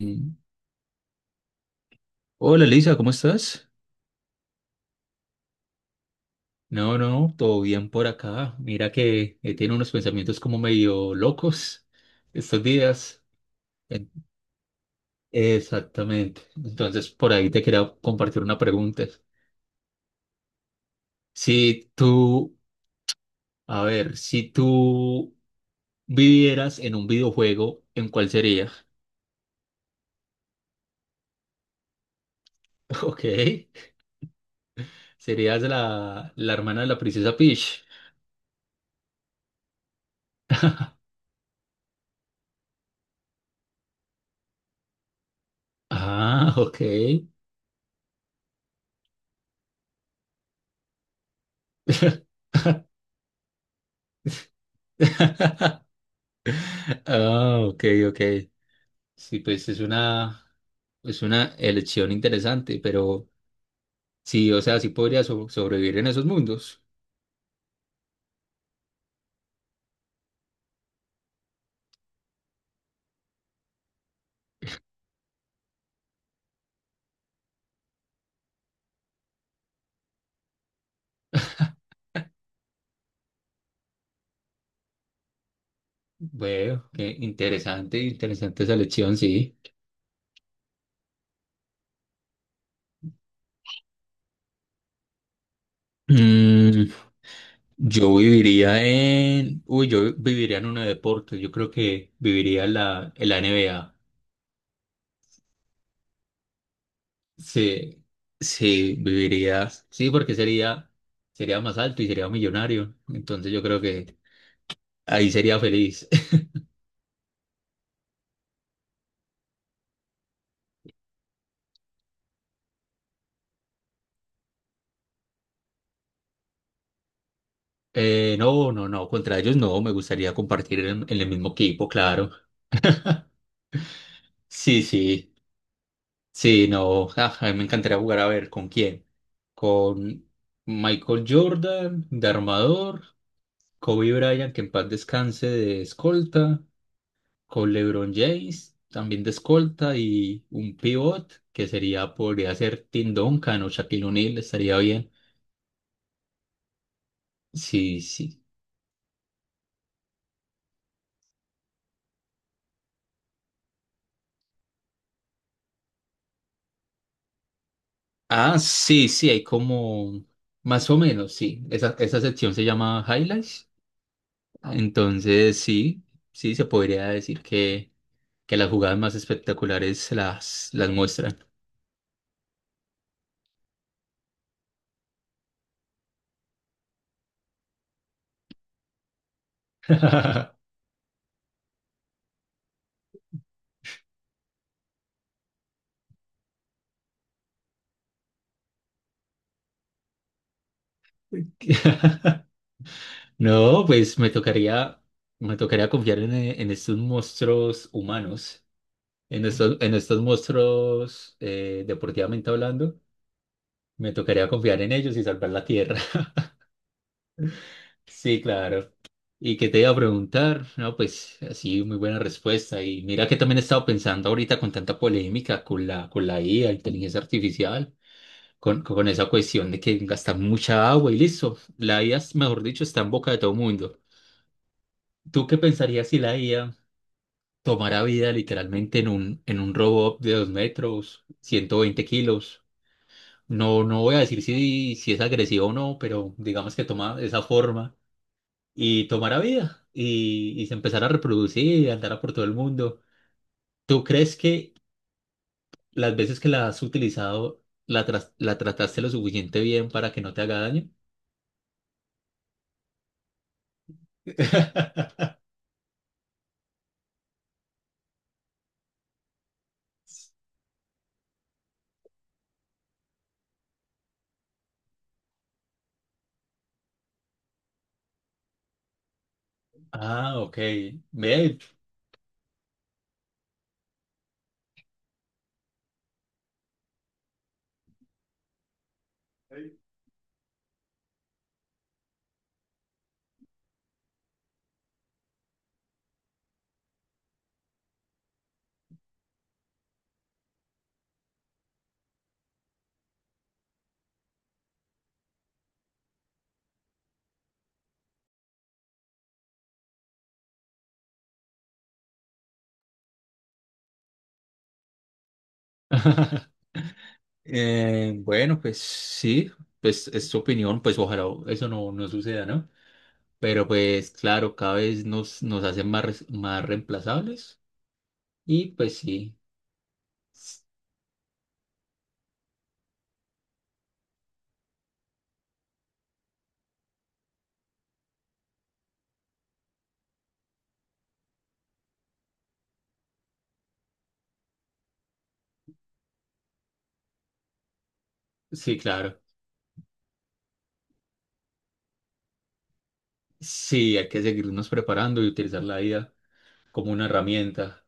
Mm. Hola Lisa, ¿cómo estás? No, no, todo bien por acá. Mira que he tenido unos pensamientos como medio locos estos días. En- Exactamente. Entonces, por ahí te quería compartir una pregunta. Si tú, si tú vivieras en un videojuego, ¿en cuál sería? Ok, serías la hermana de la princesa Peach. Ah, ok. Ah, ok, ok. Sí, es una elección interesante, pero sí, o sea, sí podría sobrevivir en esos mundos. Bueno, qué interesante, interesante esa elección, sí. Mm, yo viviría en uno de deportes, yo creo que viviría en la NBA. Sí, sí, viviría, sí, sería más alto y sería millonario, entonces yo creo que ahí sería feliz. No, contra ellos no, me gustaría compartir en el mismo equipo, claro. Sí, sí, sí, no, ah, a mí me encantaría jugar a ver con quién. Con Michael Jordan de armador, Kobe Bryant, que en paz descanse, de escolta, con LeBron James también de escolta y un pivot podría ser Tim Duncan o Shaquille O'Neal, estaría bien. Sí, sí. Ah, sí, sí, más o menos, sí. Esa sección se llama Highlights. Entonces, sí, sí, se podría decir que las jugadas más espectaculares las muestran. No, pues me tocaría confiar en estos monstruos humanos, en estos monstruos, deportivamente hablando. Me tocaría confiar en ellos y salvar la tierra. Sí, claro. ¿Y qué te iba a preguntar? No, pues así, muy buena respuesta. Y mira que también he estado pensando ahorita con tanta polémica con la IA, inteligencia artificial, con esa cuestión de que gastan mucha agua y listo. La IA, mejor dicho, está en boca de todo mundo. ¿Tú qué pensarías si la IA tomara vida literalmente en un robot de 2 metros, 120 kilos? No, no voy a decir si es agresivo o no, pero digamos que toma esa forma y tomara vida y se empezara a reproducir y andara por todo el mundo. ¿Tú crees que las veces que la has utilizado la trataste lo suficiente bien para que no te haga daño? Ah, ok. Ve. Bueno, pues sí, pues es tu opinión, pues ojalá eso no suceda, ¿no? Pero pues claro, cada vez nos hacen más, más reemplazables y pues sí, s- sí, claro. Sí, hay que seguirnos preparando y utilizar la vida como una herramienta.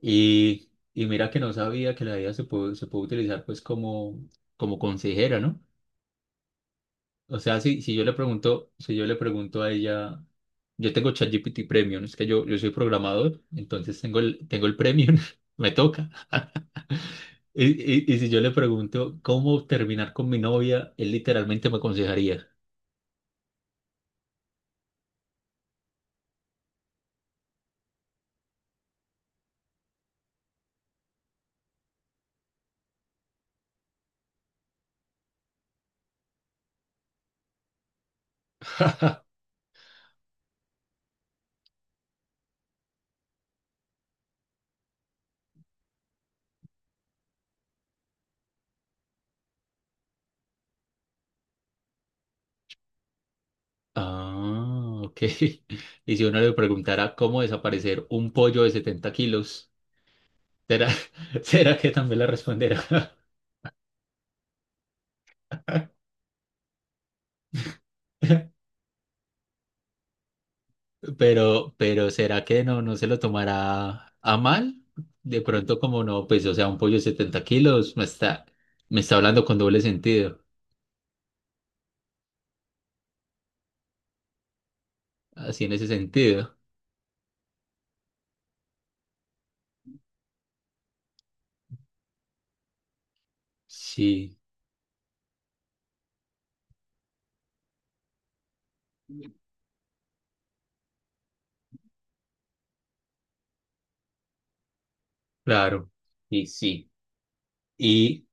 Y mira que no sabía que la IA se puede utilizar pues como, como consejera, ¿no? O sea, si yo le pregunto, si yo le pregunto a ella, yo tengo ChatGPT Premium, yo soy programador, entonces tengo el Premium, me toca. Y si yo le pregunto cómo terminar con mi novia, él literalmente me aconsejaría. Ah, ok. Y si uno le preguntara cómo desaparecer un pollo de 70 kilos, ¿Será, será que también la responderá? Pero ¿será que no se lo tomará a mal? De pronto, como no, pues, o sea, un pollo de 70 kilos me está hablando con doble sentido. Así en ese sentido. Sí, claro. Y sí. Y,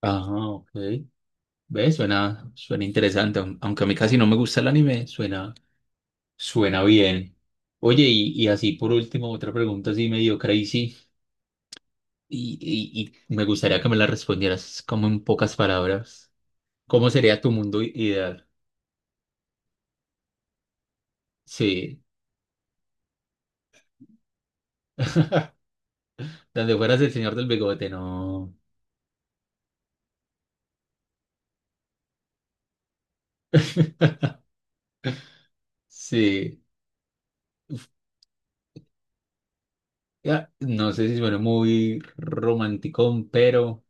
ajá, ok. ¿Ves? Suena, suena interesante. Aunque a mí casi no me gusta el anime, suena, suena bien. Oye, y así por último, otra pregunta así medio crazy. Y, y- y me gustaría que me la respondieras como en pocas palabras. ¿Cómo sería tu mundo ideal? Sí, donde fueras el señor del bigote, no. Sí, uf, ya, no sé si suena muy romántico, pero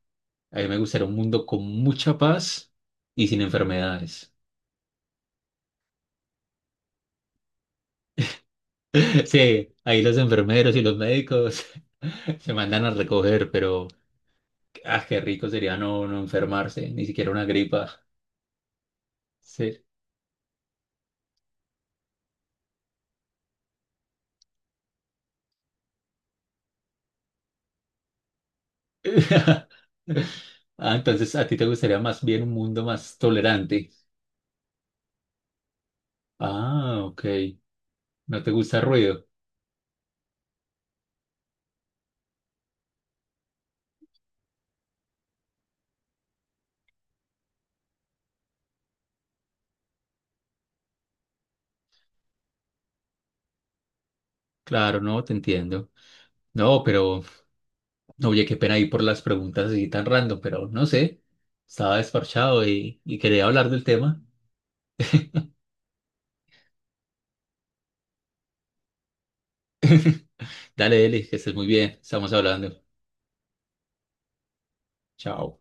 a mí me gustaría un mundo con mucha paz y sin enfermedades. Sí, ahí los enfermeros y los médicos se mandan a recoger, pero ah, qué rico sería no enfermarse, ni siquiera una gripa. Sí. Ah, entonces a ti te gustaría más bien un mundo más tolerante. Ah, ok. No te gusta el ruido. Claro, no, te entiendo. No, pero, no, oye, qué pena ir por las preguntas así tan random, pero no sé. Estaba desparchado y quería hablar del tema. Dale, Eli, que estés muy bien. Estamos hablando. Chao.